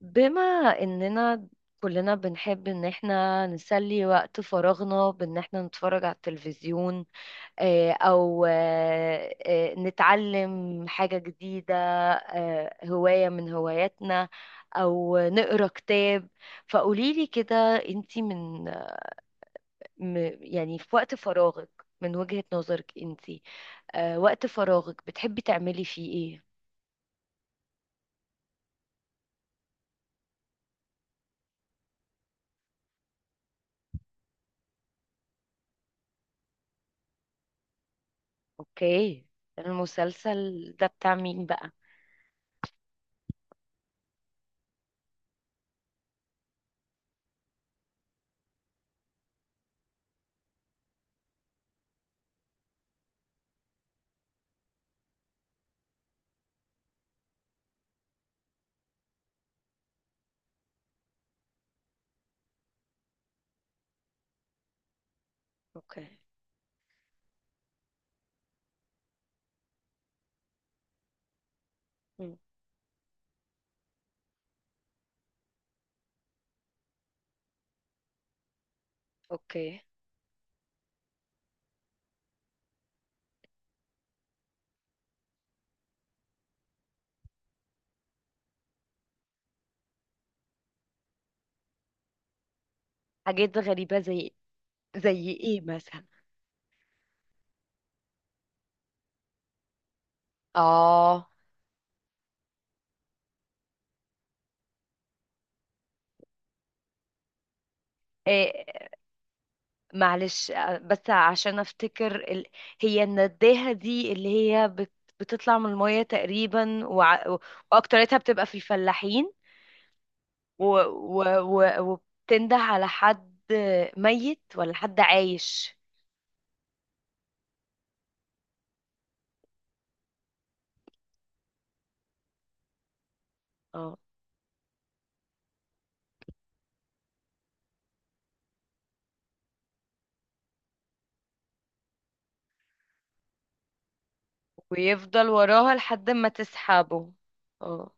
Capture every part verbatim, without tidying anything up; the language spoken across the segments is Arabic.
بما اننا كلنا بنحب ان احنا نسلي وقت فراغنا بان احنا نتفرج على التلفزيون، آه، او آه، آه، نتعلم حاجة جديدة، آه، هواية من هواياتنا، او نقرا كتاب. فقوليلي كده، انتي من م- يعني في وقت فراغك، من وجهة نظرك انتي، آه، وقت فراغك بتحبي تعملي فيه ايه؟ اوكي. المسلسل ده بتاع مين بقى؟ اوكي. اوكي. حاجات غريبة زي زي ايه مثلا؟ اه. إيه. معلش آه، بس عشان افتكر ال... هي النداهة دي اللي هي بت... بتطلع من المية تقريبا وع... واكترتها بتبقى في الفلاحين و... و... و... وبتنده على حد ميت ولا حد عايش؟ اه. ويفضل وراها لحد ما تسحبه. اه.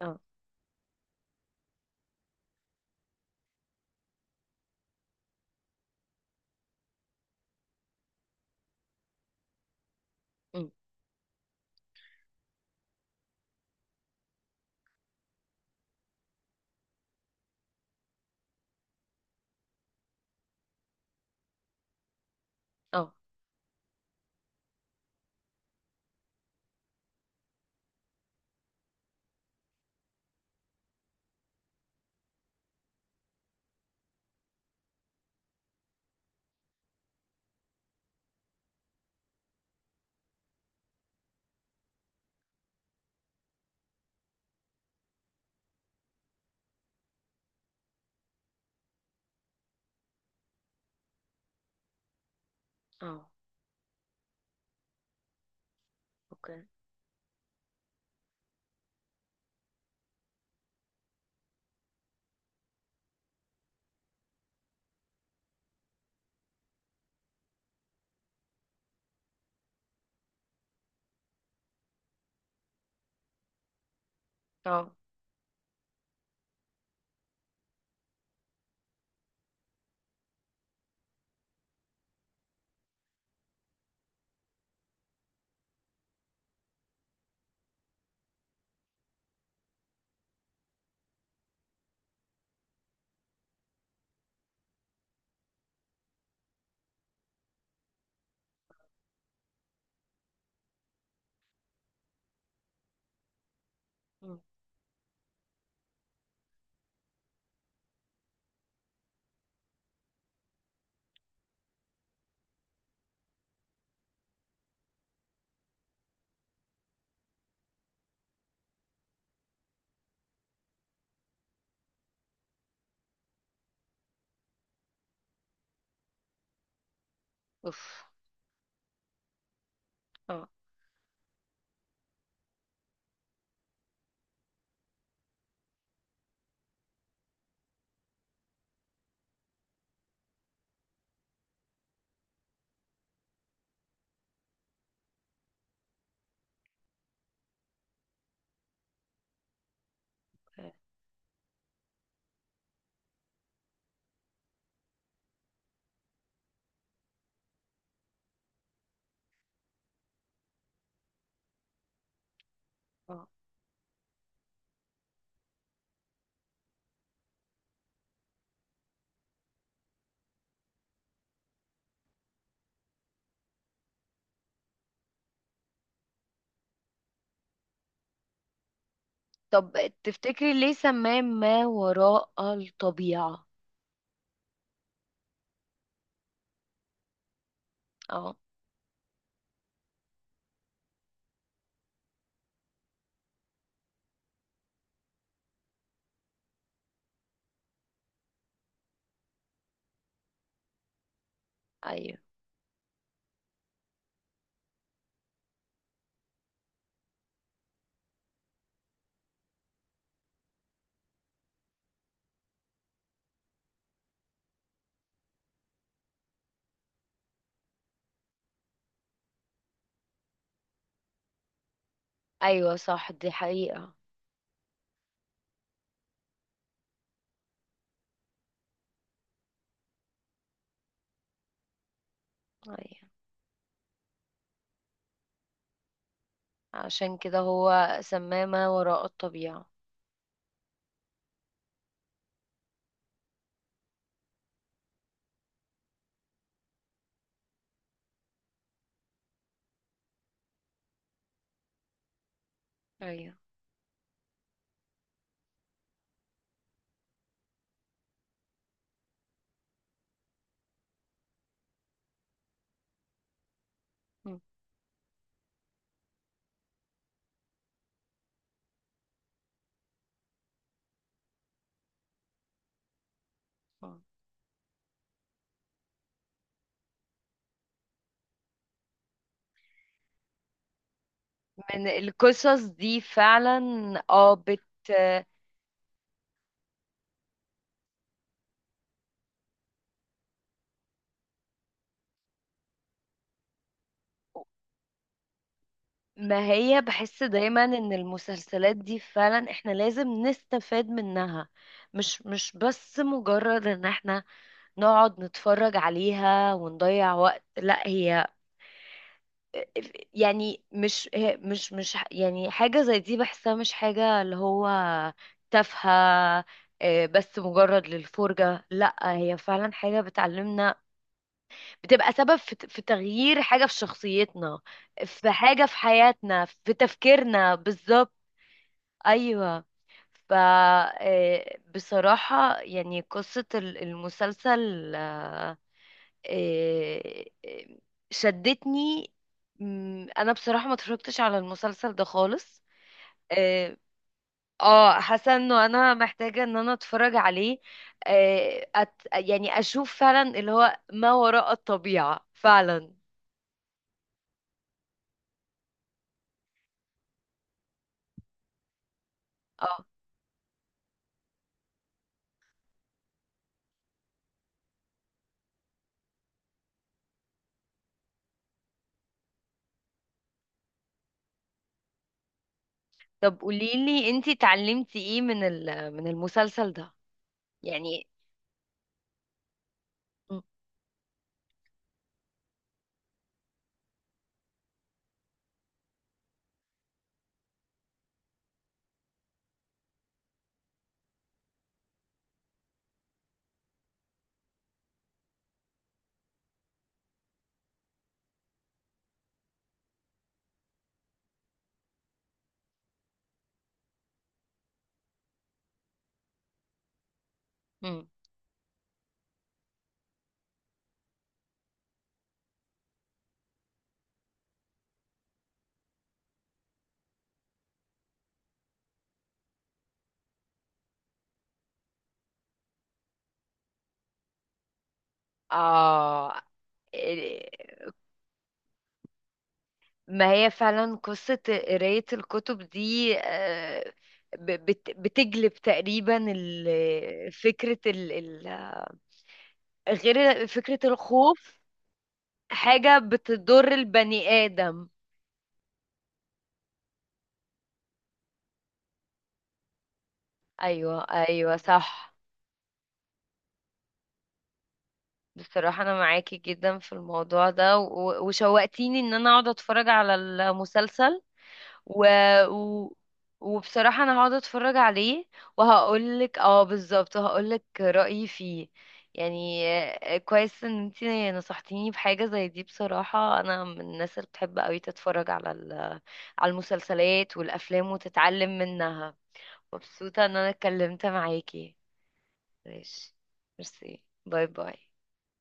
اه. أم. اه. اه. اوكي. اه. أم. اوف. اه. أوكي. طب تفتكري ليه سماه ما وراء الطبيعة؟ اه. ايوه. ايوه صح، دي حقيقة. ايوه، عشان كده هو سماه ما وراء الطبيعة. ايوه. م- م. من القصص دي فعلا. اه بت. ما هي بحس دايما ان المسلسلات دي فعلا احنا لازم نستفاد منها، مش مش بس مجرد ان احنا نقعد نتفرج عليها ونضيع وقت. لا، هي يعني مش هي- مش مش ح- يعني حاجة زي دي بحسها مش حاجة اللي هو تافهة، آه، بس مجرد للفرجة. لا، هي فعلا حاجة بتعلمنا، بتبقى سبب في ت- في تغيير حاجة في شخصيتنا، في حاجة في حياتنا، في تفكيرنا بالظبط. أيوة. ف آه، بصراحة يعني قصة ال- المسلسل آه، آه، آه، شدتني. مم، انا بصراحة ما اتفرجتش على المسلسل ده خالص. اه. آه، حاسة انه انا محتاجة ان انا اتفرج عليه. آه، أت... يعني اشوف فعلا اللي هو ما وراء الطبيعة فعلا. اه. طب قوليلي انتي اتعلمتي ايه من ال... من المسلسل ده؟ يعني. م- م. اه. آه، ما هي فعلا قصة قراية الكتب دي، آه، ب- بت- بتجلب تقريبا ال- فكرة ال ال غير فكرة الخوف، حاجة بتضر البني آدم. أيوة، أيوة صح. بصراحة أنا معاكي جدا في الموضوع ده و- وشوقتيني إن أنا أقعد أتفرج على المسلسل و... و... وبصراحة انا هقعد اتفرج عليه وهقولك، اه بالظبط هقولك رأيي فيه يعني. آه، كويس ان انتي نصحتيني بحاجة زي دي. بصراحة انا من الناس اللي بتحب قوي تتفرج على ال... على المسلسلات والافلام وتتعلم منها. مبسوطة ان انا اتكلمت معاكي. ماشي. ميرسي، باي باي.